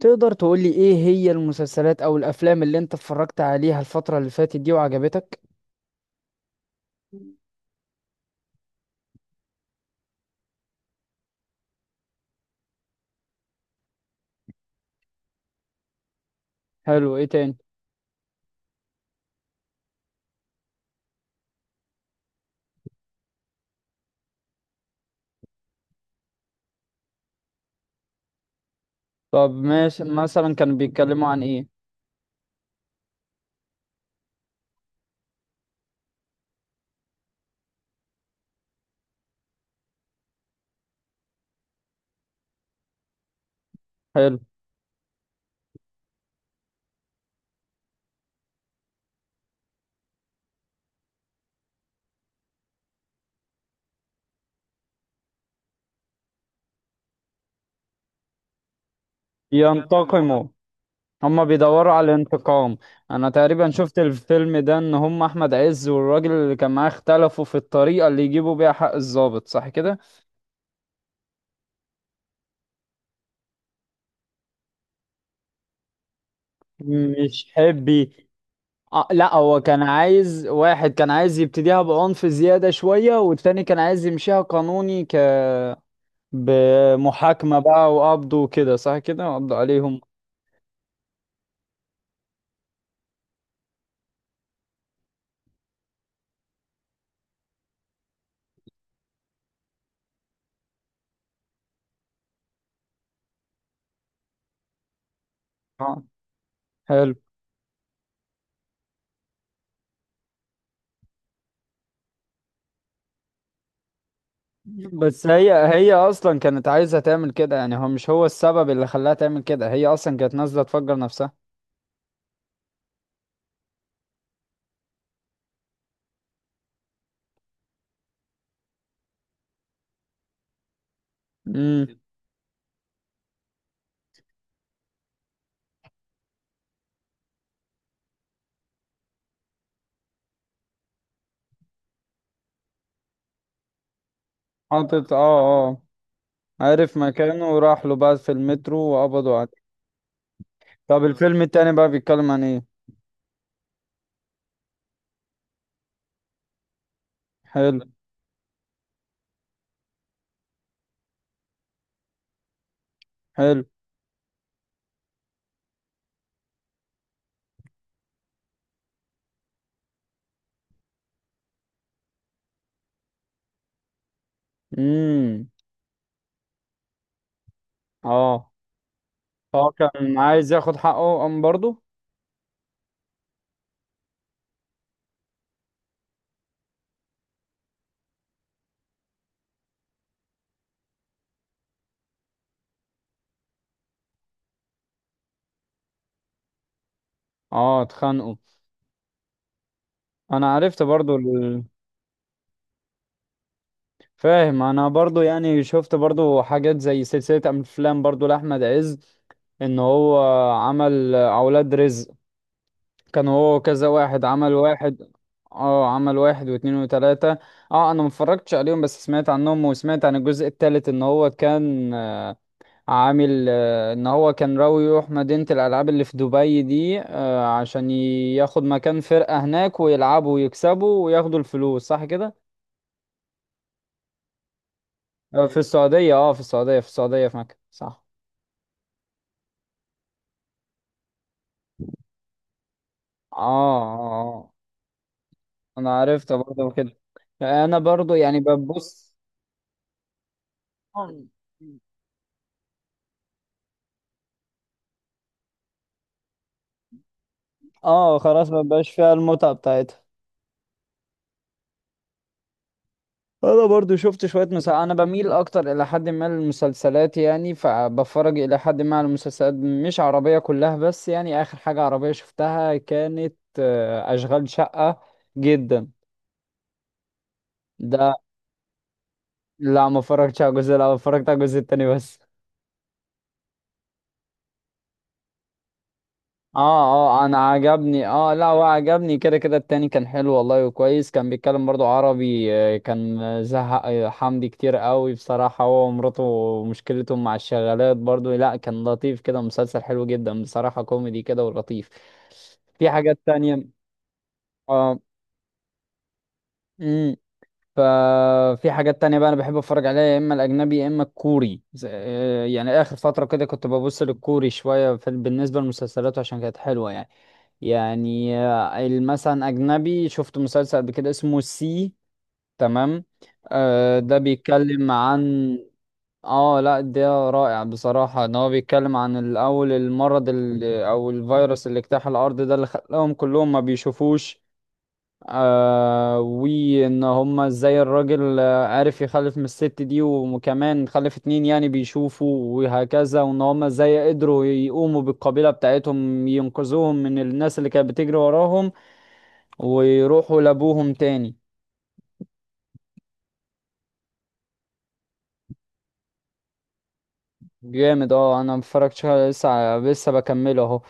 تقدر تقولي ايه هي المسلسلات او الافلام اللي انت اتفرجت عليها الفترة اللي فاتت دي وعجبتك؟ حلو. ايه تاني؟ طب ماشي، مثلا كانوا بيتكلموا عن ايه؟ حلو. ينتقموا. هما بيدوروا على الانتقام. انا تقريبا شفت الفيلم ده، ان هم احمد عز والراجل اللي كان معاه اختلفوا في الطريقة اللي يجيبوا بيها حق الضابط، صح كده؟ مش حبي. آه لا، هو كان عايز، واحد كان عايز يبتديها بعنف زيادة شوية والتاني كان عايز يمشيها قانوني، ك بمحاكمة بقى وقبض وكده، صح كده؟ قبض عليهم. آه. حلو. بس هي هي اصلا كانت عايزة تعمل كده، يعني هو مش هو السبب اللي خلاها تعمل كده، هي اصلا كانت نازلة تفجر نفسها. امم حاطط اه اه. عارف مكانه وراح له بقى في المترو وقبضوا عليه. طب الفيلم التاني بقى بيتكلم عن ايه؟ حلو. حلو. امم اه، هو كان عايز ياخد حقه قام برضه؟ اه، اتخانقوا. انا عرفت برضه. فاهم. انا برضو يعني شفت برضو حاجات زي سلسلة افلام برضو لاحمد عز، ان هو عمل اولاد رزق، كان هو كذا واحد، عمل واحد، اه عمل واحد واتنين وتلاتة. اه انا متفرجتش عليهم بس سمعت عنهم، وسمعت عن الجزء التالت ان هو كان عامل ان هو كان راوي يروح مدينة الالعاب اللي في دبي دي، عشان ياخد مكان فرقة هناك ويلعبوا ويكسبوا وياخدوا الفلوس، صح كده؟ في السعودية، اه في السعودية، في السعودية في مكة، صح. اه اه آه. انا عرفت برضه كده. انا برضه يعني ببص. اه خلاص، ما بقاش فيها المتعة بتاعتها. انا برضو شفت شوية مسلسلات، انا بميل اكتر الى حد ما للمسلسلات، يعني فبفرج الى حد ما على المسلسلات، مش عربية كلها بس، يعني اخر حاجة عربية شفتها كانت اشغال شقة. جدا ده. لا ما اتفرجتش على الجزء الاول، اتفرجت على الجزء التاني بس. اه اه، انا عجبني، اه لا هو عجبني كده كده، التاني كان حلو والله وكويس، كان بيتكلم برضو عربي، كان زهق، حمدي كتير قوي بصراحة هو ومراته، مشكلتهم مع الشغالات برضو، لا كان لطيف كده، مسلسل حلو جدا بصراحة، كوميدي كده ولطيف. في حاجات تانية؟ اه. امم ففي حاجات تانية بقى انا بحب اتفرج عليها، يا اما الاجنبي يا اما الكوري، يعني اخر فترة كده كنت ببص للكوري شوية بالنسبة للمسلسلات، عشان كانت حلوة يعني. يعني مثلا اجنبي شفت مسلسل قبل كده اسمه سي. تمام. آه ده بيتكلم عن، اه لا ده رائع بصراحة، ان هو بيتكلم عن الاول المرض اللي او الفيروس اللي اجتاح الارض ده، اللي خلاهم كلهم ما بيشوفوش، آه، وان هما ازاي الراجل عرف يخلف من الست دي، وكمان خلف اتنين يعني بيشوفوا وهكذا، وان هما ازاي قدروا يقوموا بالقبيلة بتاعتهم ينقذوهم من الناس اللي كانت بتجري وراهم، ويروحوا لابوهم تاني. جامد، اه انا متفرجتش لسه بكمله اهو.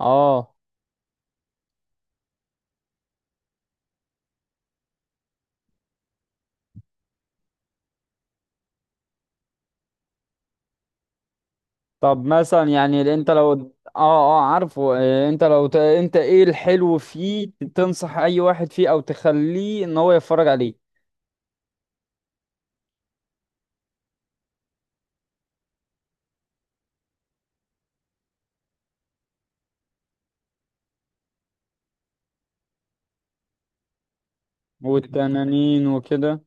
اه. طب مثلا يعني انت لو، اه. اه عارفه، انت لو انت ايه الحلو فيه تنصح اي واحد فيه او تخليه ان هو يتفرج عليه؟ والتنانين وكده.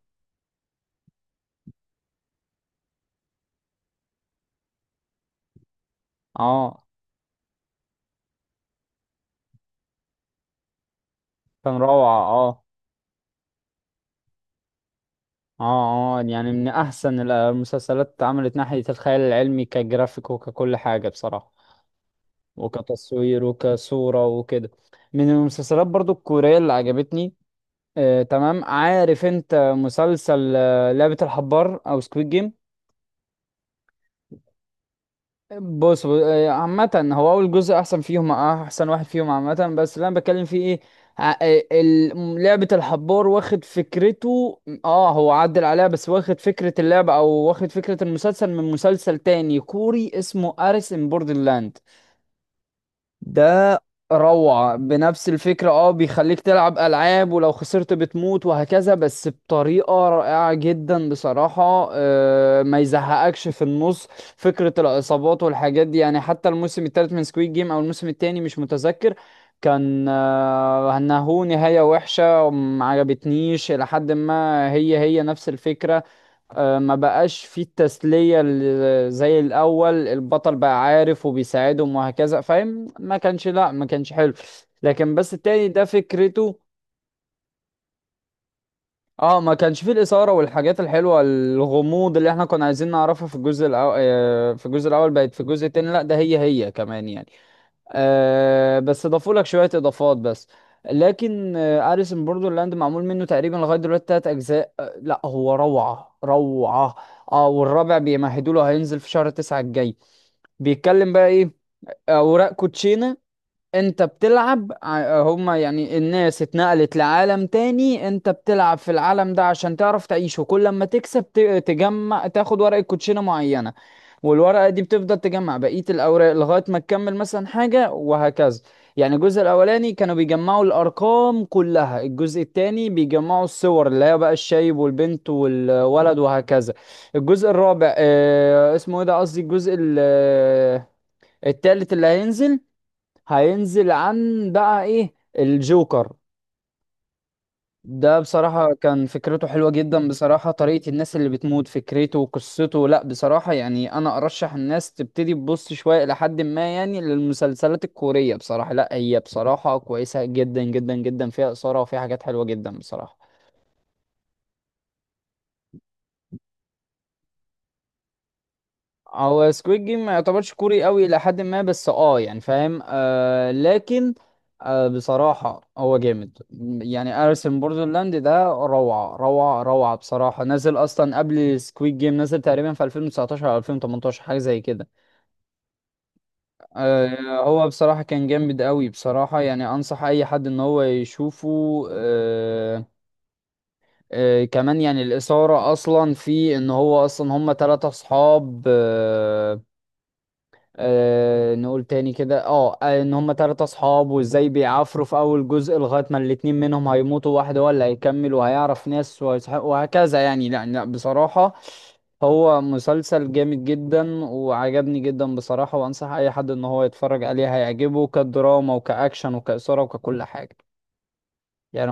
اه كان روعة اه. اه اه يعني من احسن المسلسلات اتعملت ناحية الخيال العلمي، كجرافيك وككل حاجة بصراحة، وكتصوير وكصورة وكده. من المسلسلات برضو الكورية اللي عجبتني، تمام، عارف انت مسلسل لعبة الحبار او سكويد جيم؟ بص ب- آه، عامة هو اول جزء احسن فيهم، احسن واحد فيهم عامة، بس اللي انا بتكلم فيه ايه، لعبة الحبار واخد فكرته، اه هو عدل عليها، بس واخد فكرة اللعبة او واخد فكرة المسلسل من مسلسل تاني كوري اسمه اريس ان بوردرلاند ده. روعة بنفس الفكرة، اه بيخليك تلعب ألعاب ولو خسرت بتموت وهكذا، بس بطريقة رائعة جدا بصراحة، ما يزهقكش في النص، فكرة الإصابات والحاجات دي. يعني حتى الموسم الثالث من سكويد جيم أو الموسم الثاني، مش متذكر، كان انه نهاية وحشة ما عجبتنيش، إلى حد ما هي هي نفس الفكرة، ما بقاش فيه التسلية زي الأول، البطل بقى عارف وبيساعدهم وهكذا، فاهم؟ ما كانش، لا ما كانش حلو. لكن بس التاني ده فكرته، اه ما كانش فيه الإثارة والحاجات الحلوة، الغموض اللي احنا كنا عايزين نعرفها في الجزء الأول، في الجزء الأول بقت، في الجزء التاني لا ده هي هي كمان يعني، آه بس اضافوا لك شويه اضافات بس. لكن آه اريس ان بوردرلاند معمول منه تقريبا لغايه دلوقتي تلات اجزاء، آه لا هو روعه روعه. اه والرابع بيمهدوا له، هينزل في شهر تسعة الجاي. بيتكلم بقى ايه؟ اوراق كوتشينه، انت بتلعب هما يعني الناس اتنقلت لعالم تاني، انت بتلعب في العالم ده عشان تعرف تعيشه، كل لما تكسب تجمع، تاخد ورقة كوتشينة معينة، والورقة دي بتفضل تجمع بقية الأوراق لغاية ما تكمل مثلا حاجة وهكذا. يعني الجزء الأولاني كانوا بيجمعوا الأرقام كلها، الجزء التاني بيجمعوا الصور اللي هي بقى الشايب والبنت والولد وهكذا. الجزء الرابع اه اسمه ايه ده، قصدي الجزء التالت اللي هينزل، هينزل عن بقى ايه، الجوكر ده. بصراحة كان فكرته حلوة جدا بصراحة، طريقة الناس اللي بتموت، فكرته وقصته، لا بصراحة يعني انا ارشح الناس تبتدي تبص شوية لحد ما يعني للمسلسلات الكورية، بصراحة لا هي بصراحة كويسة جدا جدا جدا، فيها اثارة وفيها حاجات حلوة جدا بصراحة. هو سكويد جيم ما يعتبرش كوري قوي الى حد ما، بس اه يعني فاهم، آه لكن آه بصراحة هو جامد، يعني ارسم بوردرلاند ده روعة روعة روعة بصراحة، نزل اصلا قبل سكويد جيم، نزل تقريبا في 2019 او 2018 حاجة زي كده. آه هو بصراحة كان جامد قوي بصراحة، يعني انصح اي حد ان هو يشوفه. آه. آه كمان يعني الاثارة اصلا في ان هو اصلا هم ثلاثة اصحاب، آه أه نقول تاني كده، اه ان هم تلاتة اصحاب، وازاي بيعافروا في اول جزء لغاية ما الاتنين منهم هيموتوا، واحد هو اللي هيكمل وهيعرف ناس وهكذا يعني. لا لا بصراحة هو مسلسل جامد جدا وعجبني جدا بصراحة، وانصح اي حد ان هو يتفرج عليه، هيعجبه كدراما وكأكشن وكإثارة وككل حاجة يعني.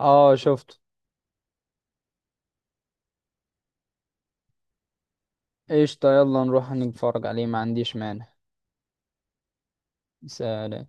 اه شفته. قشطة يلا نروح نتفرج عليه، ما عنديش مانع. سلام.